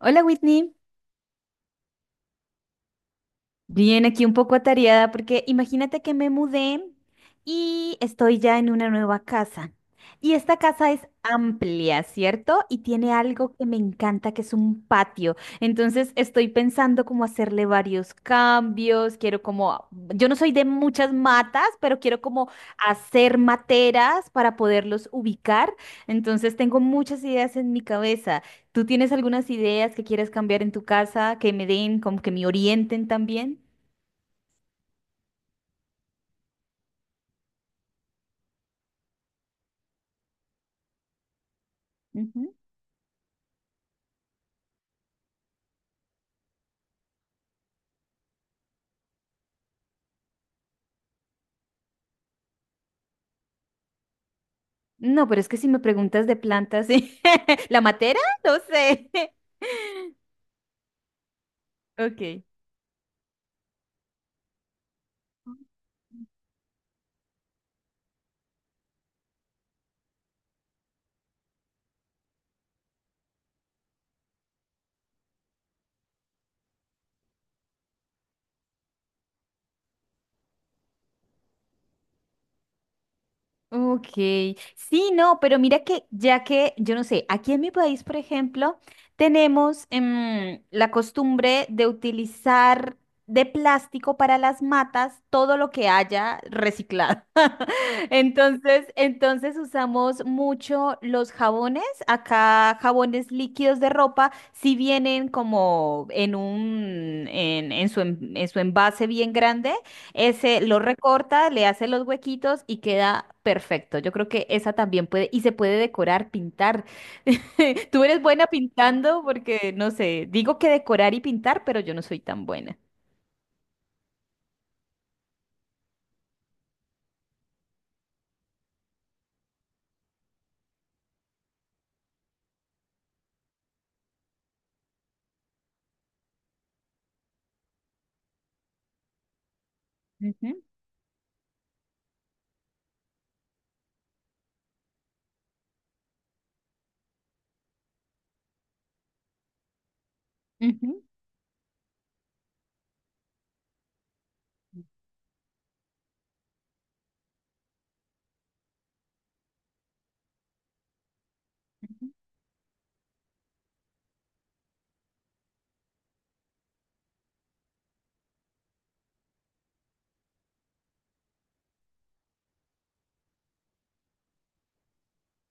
Hola Whitney, bien aquí un poco atareada porque imagínate que me mudé y estoy ya en una nueva casa. Y esta casa es amplia, ¿cierto? Y tiene algo que me encanta, que es un patio. Entonces estoy pensando cómo hacerle varios cambios. Quiero como, yo no soy de muchas matas, pero quiero como hacer materas para poderlos ubicar. Entonces tengo muchas ideas en mi cabeza. ¿Tú tienes algunas ideas que quieras cambiar en tu casa, que me den, como que me orienten también? Ujú. No, pero es que si me preguntas de plantas, ¿La matera? No sé. Ok. Ok, sí, no, pero mira que ya que, yo no sé, aquí en mi país, por ejemplo, tenemos la costumbre de utilizar de plástico para las matas todo lo que haya reciclado. Entonces, entonces usamos mucho los jabones, acá jabones líquidos de ropa, si vienen como en un, en su, en su envase bien grande ese lo recorta, le hace los huequitos y queda perfecto. Yo creo que esa también puede, y se puede decorar, pintar. Tú eres buena pintando porque, no sé, digo que decorar y pintar, pero yo no soy tan buena. Ujú, ujú.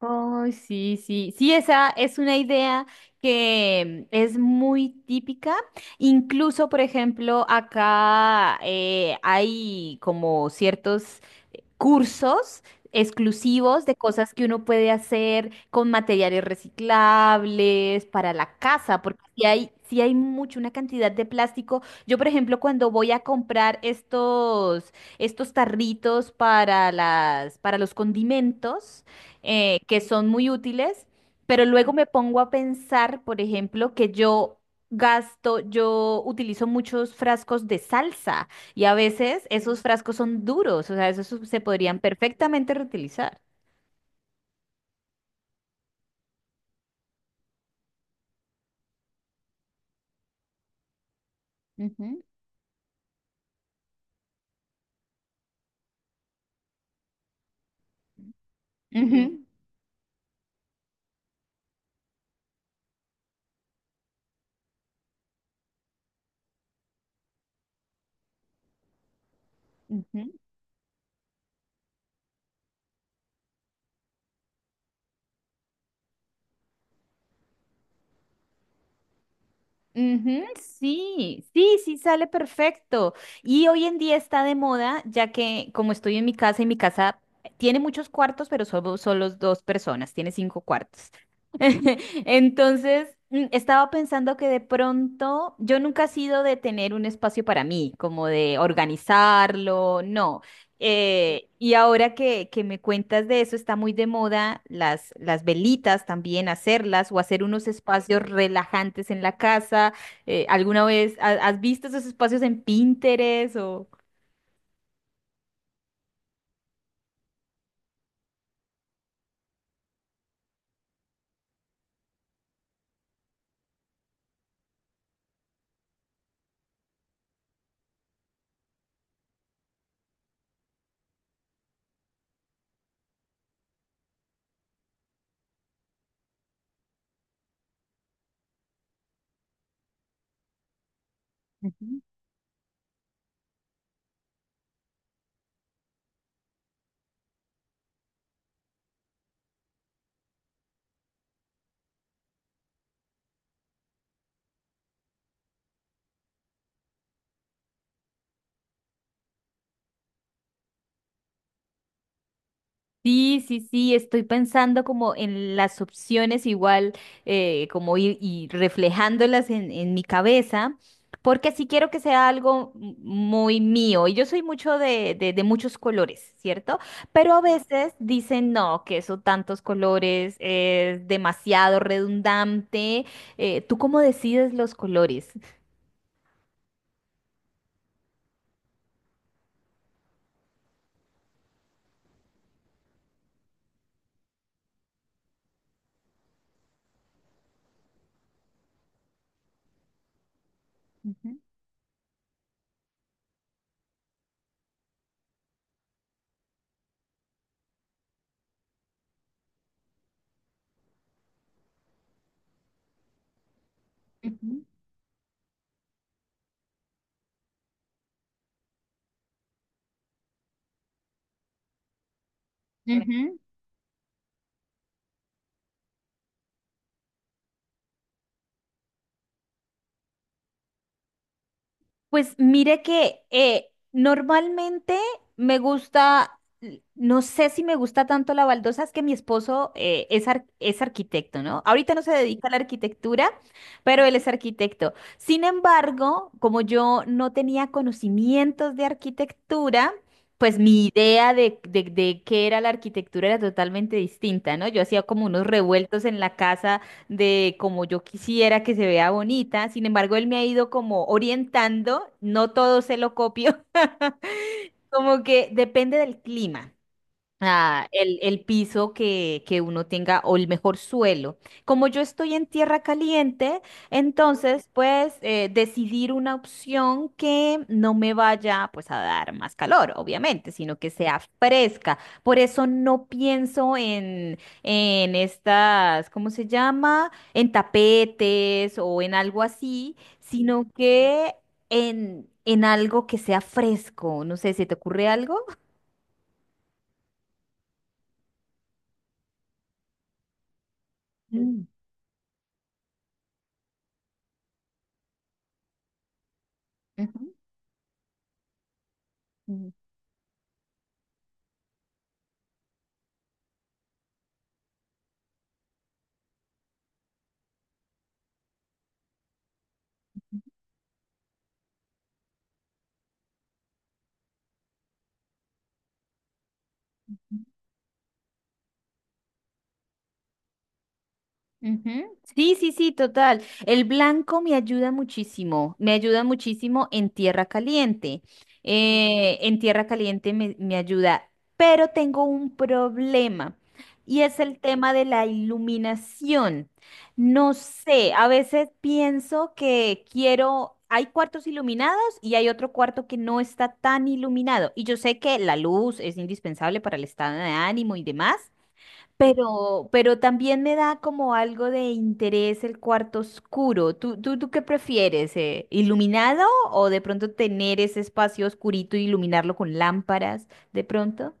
Ay, sí, sí, sí, esa es una idea que es muy típica. Incluso, por ejemplo, acá hay como ciertos cursos exclusivos de cosas que uno puede hacer con materiales reciclables para la casa, porque si hay, sí hay mucho, una cantidad de plástico. Yo, por ejemplo, cuando voy a comprar estos, estos tarritos para las, para los condimentos, que son muy útiles, pero luego me pongo a pensar, por ejemplo, que yo gasto, yo utilizo muchos frascos de salsa. Y a veces esos frascos son duros, o sea, se podrían perfectamente reutilizar. Ujú, ujú, ujú, ujú, sí, sí, sí, sale perfecto. Y hoy en día está de moda, ya que como estoy en mi casa y mi casa tiene muchos cuartos, pero solo, solo dos personas, tiene cinco cuartos. Entonces, estaba pensando que de pronto yo nunca he sido de tener un espacio para mí, como de organizarlo, no. Y ahora que me cuentas de eso, está muy de moda las velitas también, hacerlas o hacer unos espacios relajantes en la casa. ¿Alguna vez has visto esos espacios en Pinterest o...? Ujú. Sí, sí, sí, estoy pensando como en las opciones igual, como ir y reflejándolas en mi cabeza, porque sí quiero que sea algo muy mío. Y yo soy mucho de muchos colores, ¿cierto? Pero a veces dicen, no, que eso tantos colores es demasiado redundante. ¿Tú cómo decides los colores? Ujú, ujú, ujú. Pues mire que normalmente me gusta, no sé si me gusta tanto la baldosa, es que mi esposo es, es arquitecto, ¿no? Ahorita no se dedica a la arquitectura, pero él es arquitecto. Sin embargo, como yo no tenía conocimientos de arquitectura, pues mi idea de qué era la arquitectura era totalmente distinta, ¿no? Yo hacía como unos revueltos en la casa de como yo quisiera que se vea bonita. Sin embargo, él me ha ido como orientando, no todo se lo copio, como que depende del clima el piso que uno tenga o el mejor suelo. Como yo estoy en tierra caliente, entonces pues decidir una opción que no me vaya pues a dar más calor, obviamente, sino que sea fresca. Por eso no pienso en estas, ¿cómo se llama? ¿En tapetes o en algo así?, sino que en algo que sea fresco. No sé, ¿se te ocurre algo? Mm, ujú. Ujú. Sí, sí, sí, total. El blanco me ayuda muchísimo en tierra caliente. En tierra caliente me, me ayuda, pero tengo un problema y es el tema de la iluminación. No sé, a veces pienso que quiero, hay cuartos iluminados y hay otro cuarto que no está tan iluminado. Y yo sé que la luz es indispensable para el estado de ánimo y demás. Pero también me da como algo de interés el cuarto oscuro. ¿Tú, tú, tú qué prefieres? ¿Iluminado o de pronto tener ese espacio oscurito y iluminarlo con lámparas de pronto?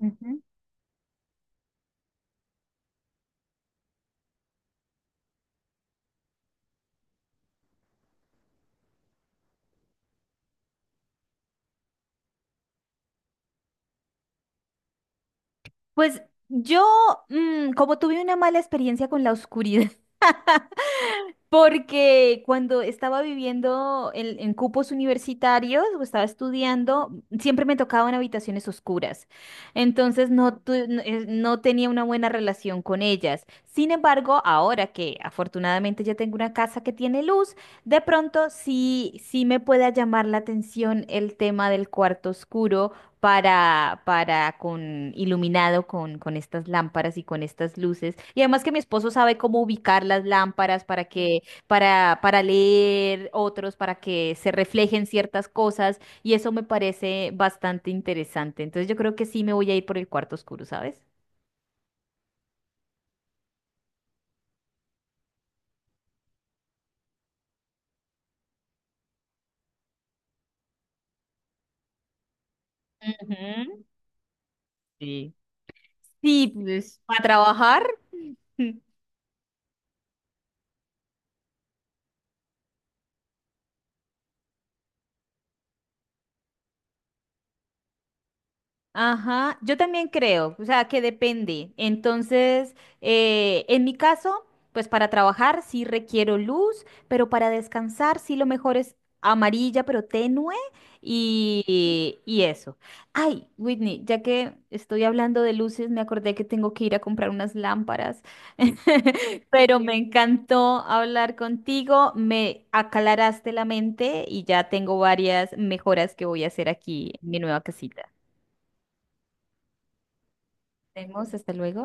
Ujú. Pues yo, como tuve una mala experiencia con la oscuridad, porque cuando estaba viviendo en cupos universitarios o estaba estudiando, siempre me tocaban habitaciones oscuras. Entonces no, no no tenía una buena relación con ellas. Sin embargo, ahora que afortunadamente ya tengo una casa que tiene luz, de pronto sí, sí me pueda llamar la atención el tema del cuarto oscuro para con iluminado con estas lámparas y con estas luces. Y además que mi esposo sabe cómo ubicar las lámparas para que, para leer otros, para que se reflejen ciertas cosas, y eso me parece bastante interesante. Entonces yo creo que sí me voy a ir por el cuarto oscuro, ¿sabes? Ujú. Sí. Sí, pues para trabajar. Ajá, yo también creo, o sea, que depende. Entonces, en mi caso, pues para trabajar sí requiero luz, pero para descansar sí lo mejor es amarilla, pero tenue y eso. Ay, Whitney, ya que estoy hablando de luces, me acordé que tengo que ir a comprar unas lámparas, pero me encantó hablar contigo, me aclaraste la mente y ya tengo varias mejoras que voy a hacer aquí en mi nueva casita. Nos vemos, hasta luego.